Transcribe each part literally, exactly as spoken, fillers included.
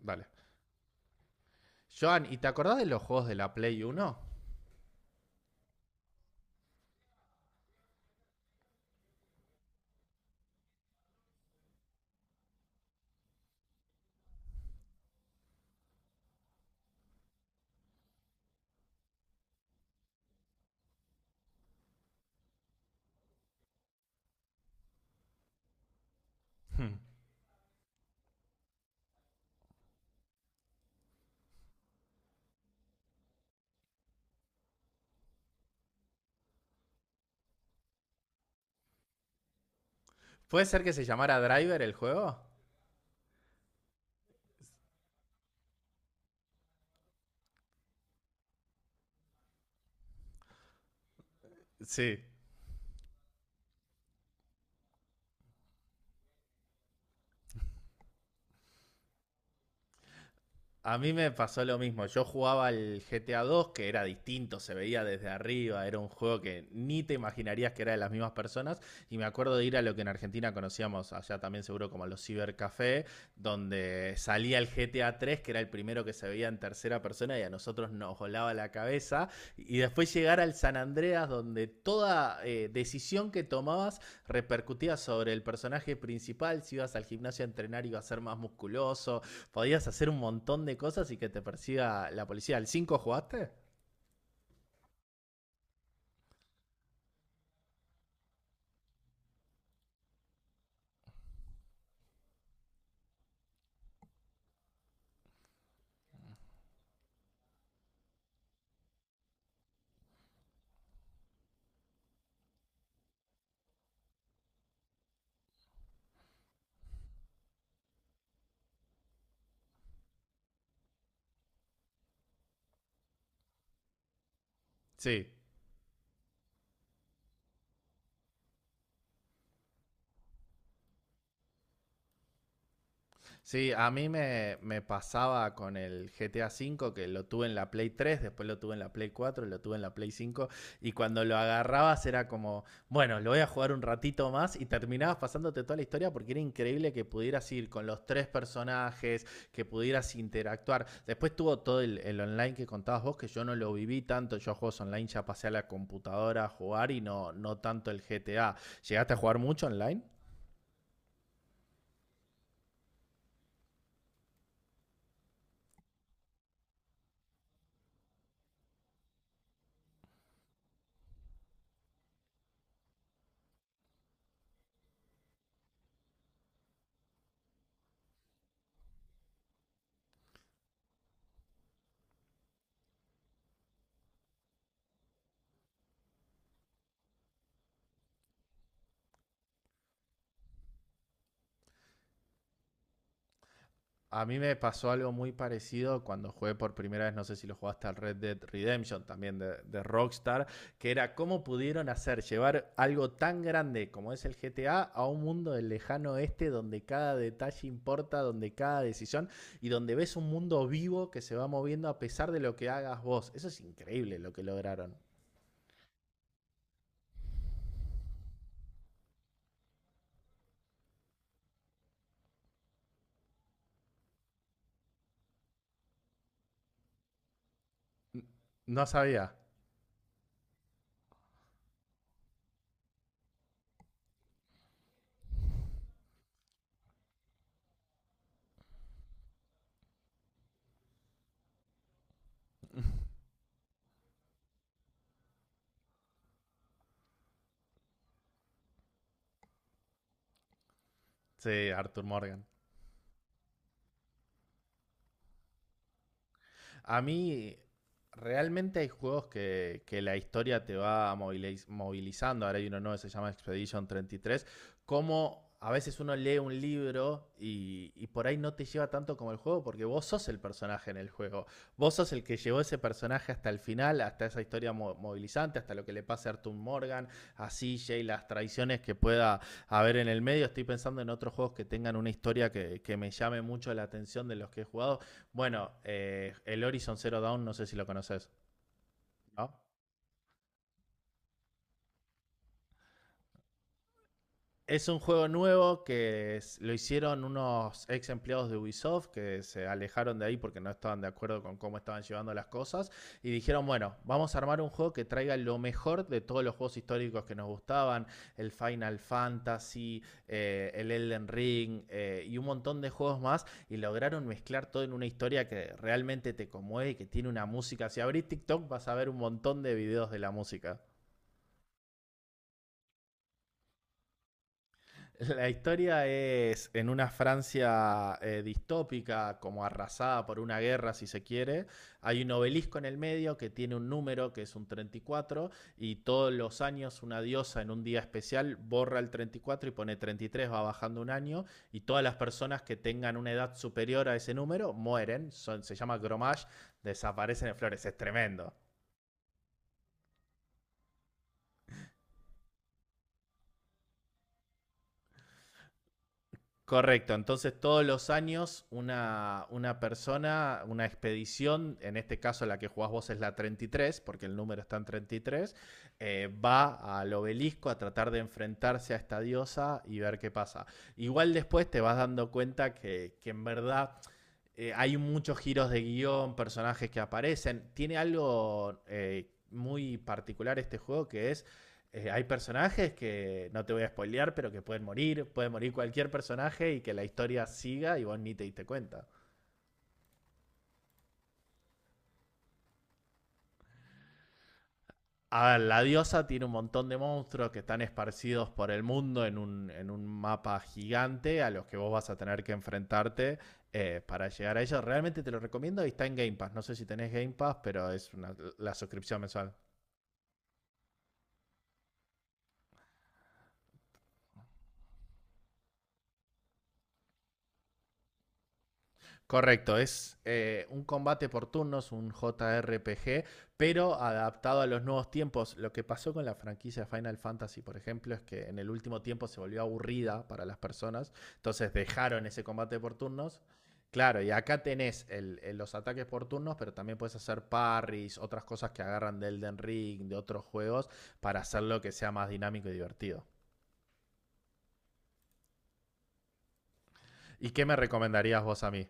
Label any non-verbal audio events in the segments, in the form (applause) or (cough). Vale. Joan, ¿y te acordás de los juegos de la Play Uno? Hmm. ¿Puede ser que se llamara Driver el juego? Sí. A mí me pasó lo mismo. Yo jugaba al G T A dos, que era distinto, se veía desde arriba, era un juego que ni te imaginarías que era de las mismas personas. Y me acuerdo de ir a lo que en Argentina conocíamos allá también seguro como los cibercafés, donde salía el G T A tres, que era el primero que se veía en tercera persona y a nosotros nos volaba la cabeza. Y después llegar al San Andreas, donde toda eh, decisión que tomabas repercutía sobre el personaje principal. Si ibas al gimnasio a entrenar ibas a ser más musculoso, podías hacer un montón de cosas y que te persiga la policía. ¿Al cinco jugaste? Sí. Sí, a mí me, me pasaba con el G T A cinco, que lo tuve en la Play tres, después lo tuve en la Play cuatro, lo tuve en la Play cinco, y cuando lo agarrabas era como, bueno, lo voy a jugar un ratito más, y terminabas pasándote toda la historia porque era increíble que pudieras ir con los tres personajes, que pudieras interactuar. Después tuvo todo el, el online que contabas vos, que yo no lo viví tanto. Yo a juegos online ya pasé a la computadora a jugar y no, no tanto el G T A. ¿Llegaste a jugar mucho online? A mí me pasó algo muy parecido cuando jugué por primera vez. No sé si lo jugaste al Red Dead Redemption, también de, de Rockstar, que era cómo pudieron hacer llevar algo tan grande como es el GTA a a un mundo del lejano oeste donde cada detalle importa, donde cada decisión y donde ves un mundo vivo que se va moviendo a pesar de lo que hagas vos. Eso es increíble lo que lograron. No sabía. Sí, Arthur Morgan. A mí, realmente hay juegos que, que la historia te va moviliz- movilizando. Ahora hay uno nuevo que se llama Expedition treinta y tres. Como a veces uno lee un libro y, y por ahí no te lleva tanto como el juego, porque vos sos el personaje en el juego. Vos sos el que llevó ese personaje hasta el final, hasta esa historia mo- movilizante, hasta lo que le pase a Arthur Morgan, a C J, las traiciones que pueda haber en el medio. Estoy pensando en otros juegos que tengan una historia que, que me llame mucho la atención de los que he jugado. Bueno, eh, el Horizon Zero Dawn, no sé si lo conoces, ¿no? Es un juego nuevo que es- lo hicieron unos ex empleados de Ubisoft que se alejaron de ahí porque no estaban de acuerdo con cómo estaban llevando las cosas, y dijeron, bueno, vamos a armar un juego que traiga lo mejor de todos los juegos históricos que nos gustaban: el Final Fantasy, eh, el Elden Ring eh, y un montón de juegos más, y lograron mezclar todo en una historia que realmente te conmueve y que tiene una música. Si abrís TikTok vas a ver un montón de videos de la música. (laughs) La historia es en una Francia eh, distópica, como arrasada por una guerra, si se quiere. Hay un obelisco en el medio que tiene un número que es un treinta y cuatro, y todos los años una diosa en un día especial borra el treinta y cuatro y pone treinta y tres, va bajando un año, y todas las personas que tengan una edad superior a ese número mueren. Son, se llama gromage, desaparecen en flores. Es tremendo. Correcto, entonces todos los años una, una persona, una expedición, en este caso la que jugás vos es la treinta y tres, porque el número está en treinta y tres, eh, va al obelisco a tratar de enfrentarse a esta diosa y ver qué pasa. Igual después te vas dando cuenta que, que en verdad eh, hay muchos giros de guión, personajes que aparecen. Tiene algo eh, muy particular este juego que es. eh, hay personajes que no te voy a spoilear, pero que pueden morir. Puede morir cualquier personaje y que la historia siga y vos ni te diste cuenta. A ver, la diosa tiene un montón de monstruos que están esparcidos por el mundo en un, en un mapa gigante a los que vos vas a tener que enfrentarte eh, para llegar a ellos. Realmente te lo recomiendo y está en Game Pass. No sé si tenés Game Pass, pero es una- la suscripción mensual. Correcto, es eh, un combate por turnos, un J R P G, pero adaptado a los nuevos tiempos. Lo que pasó con la franquicia Final Fantasy, por ejemplo, es que en el último tiempo se volvió aburrida para las personas, entonces dejaron ese combate por turnos. Claro, y acá tenés el- el- los ataques por turnos, pero también puedes hacer parries, otras cosas que agarran de Elden Ring, de otros juegos, para hacerlo que sea más dinámico y divertido. ¿Y qué me recomendarías vos a mí?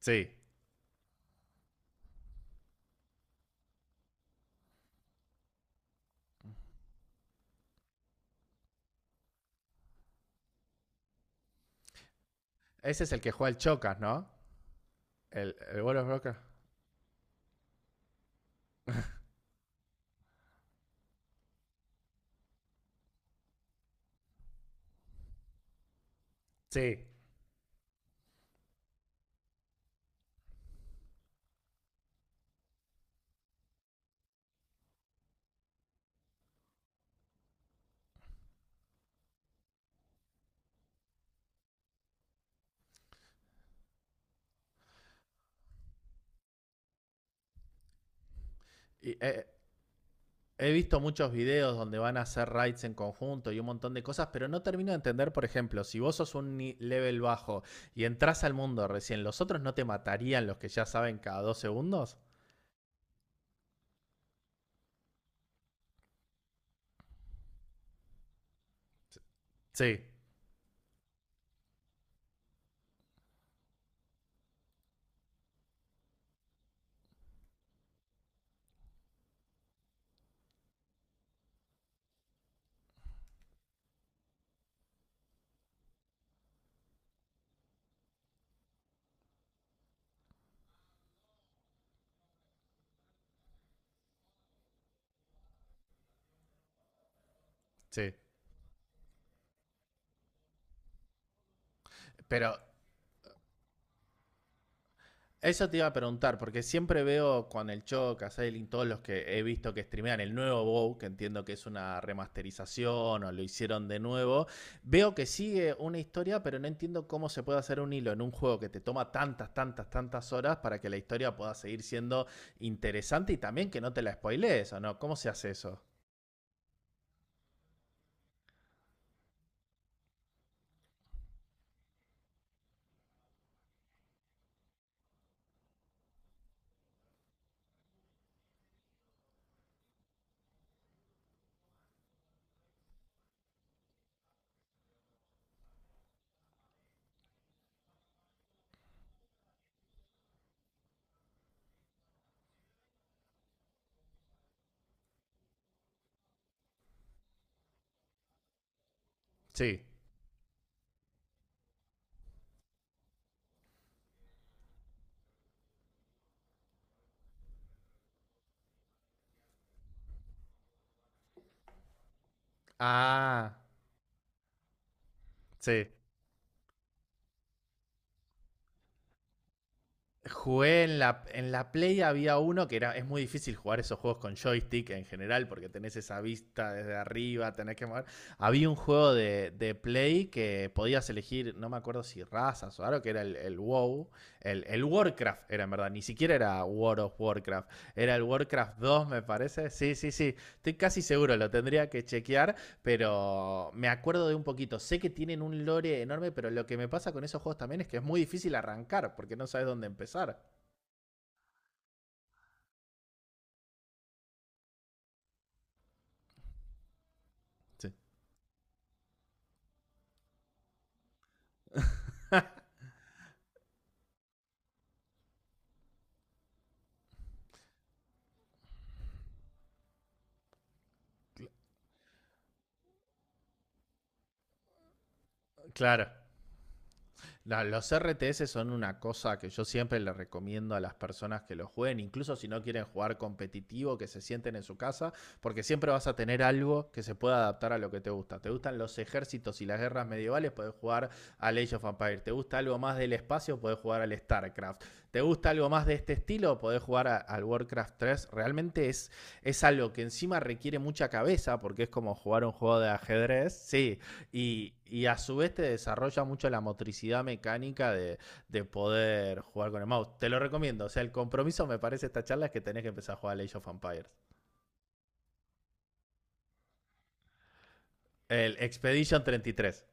Sí, ese es el que juega el Chocas, ¿no? El, el World of Warcraft. Sí. Y, eh, he visto muchos videos donde van a hacer raids en conjunto y un montón de cosas, pero no termino de entender, por ejemplo, si vos sos un ni- level bajo y entras al mundo recién, ¿los otros no te matarían los que ya saben cada dos segundos? Sí, sí. Pero eso te iba a preguntar, porque siempre veo con el Choc, a Sailing, todos los que he visto que streamean el nuevo WoW, que entiendo que es una remasterización o lo hicieron de nuevo, veo que sigue una historia, pero no entiendo cómo se puede hacer un hilo en un juego que te toma tantas, tantas, tantas horas para que la historia pueda seguir siendo interesante y también que no te la spoilees, ¿o no? ¿Cómo se hace eso? Sí. Ah, sí. Jugué en la, en la Play. Había uno que era, es muy difícil jugar esos juegos con joystick en general, porque tenés esa vista desde arriba, tenés que mover. Había un juego de, de Play que podías elegir, no me acuerdo si razas o algo, que era el, el WoW, el, el, Warcraft era en verdad, ni siquiera era War of Warcraft, era el Warcraft dos me parece, sí, sí, sí, estoy casi seguro, lo tendría que chequear, pero me acuerdo de un poquito. Sé que tienen un lore enorme, pero lo que me pasa con esos juegos también es que es muy difícil arrancar porque no sabes dónde empezar. Sí. Claro. No, los R T S son una cosa que yo siempre le recomiendo a las personas que lo jueguen, incluso si no quieren jugar competitivo, que se sienten en su casa, porque siempre vas a tener algo que se pueda adaptar a lo que te gusta. ¿Te gustan los ejércitos y las guerras medievales? Puedes jugar al Age of Empires. ¿Te gusta algo más del espacio? Puedes jugar al StarCraft. ¿Te gusta algo más de este estilo? Podés jugar a- al Warcraft tres. Realmente es, es, algo que encima requiere mucha cabeza, porque es como jugar un juego de ajedrez. Sí, y, y a su vez te desarrolla mucho la motricidad mecánica de, de poder jugar con el mouse. Te lo recomiendo. O sea, el compromiso me parece esta charla es que tenés que empezar a jugar Age of Empires. El Expedition treinta y tres.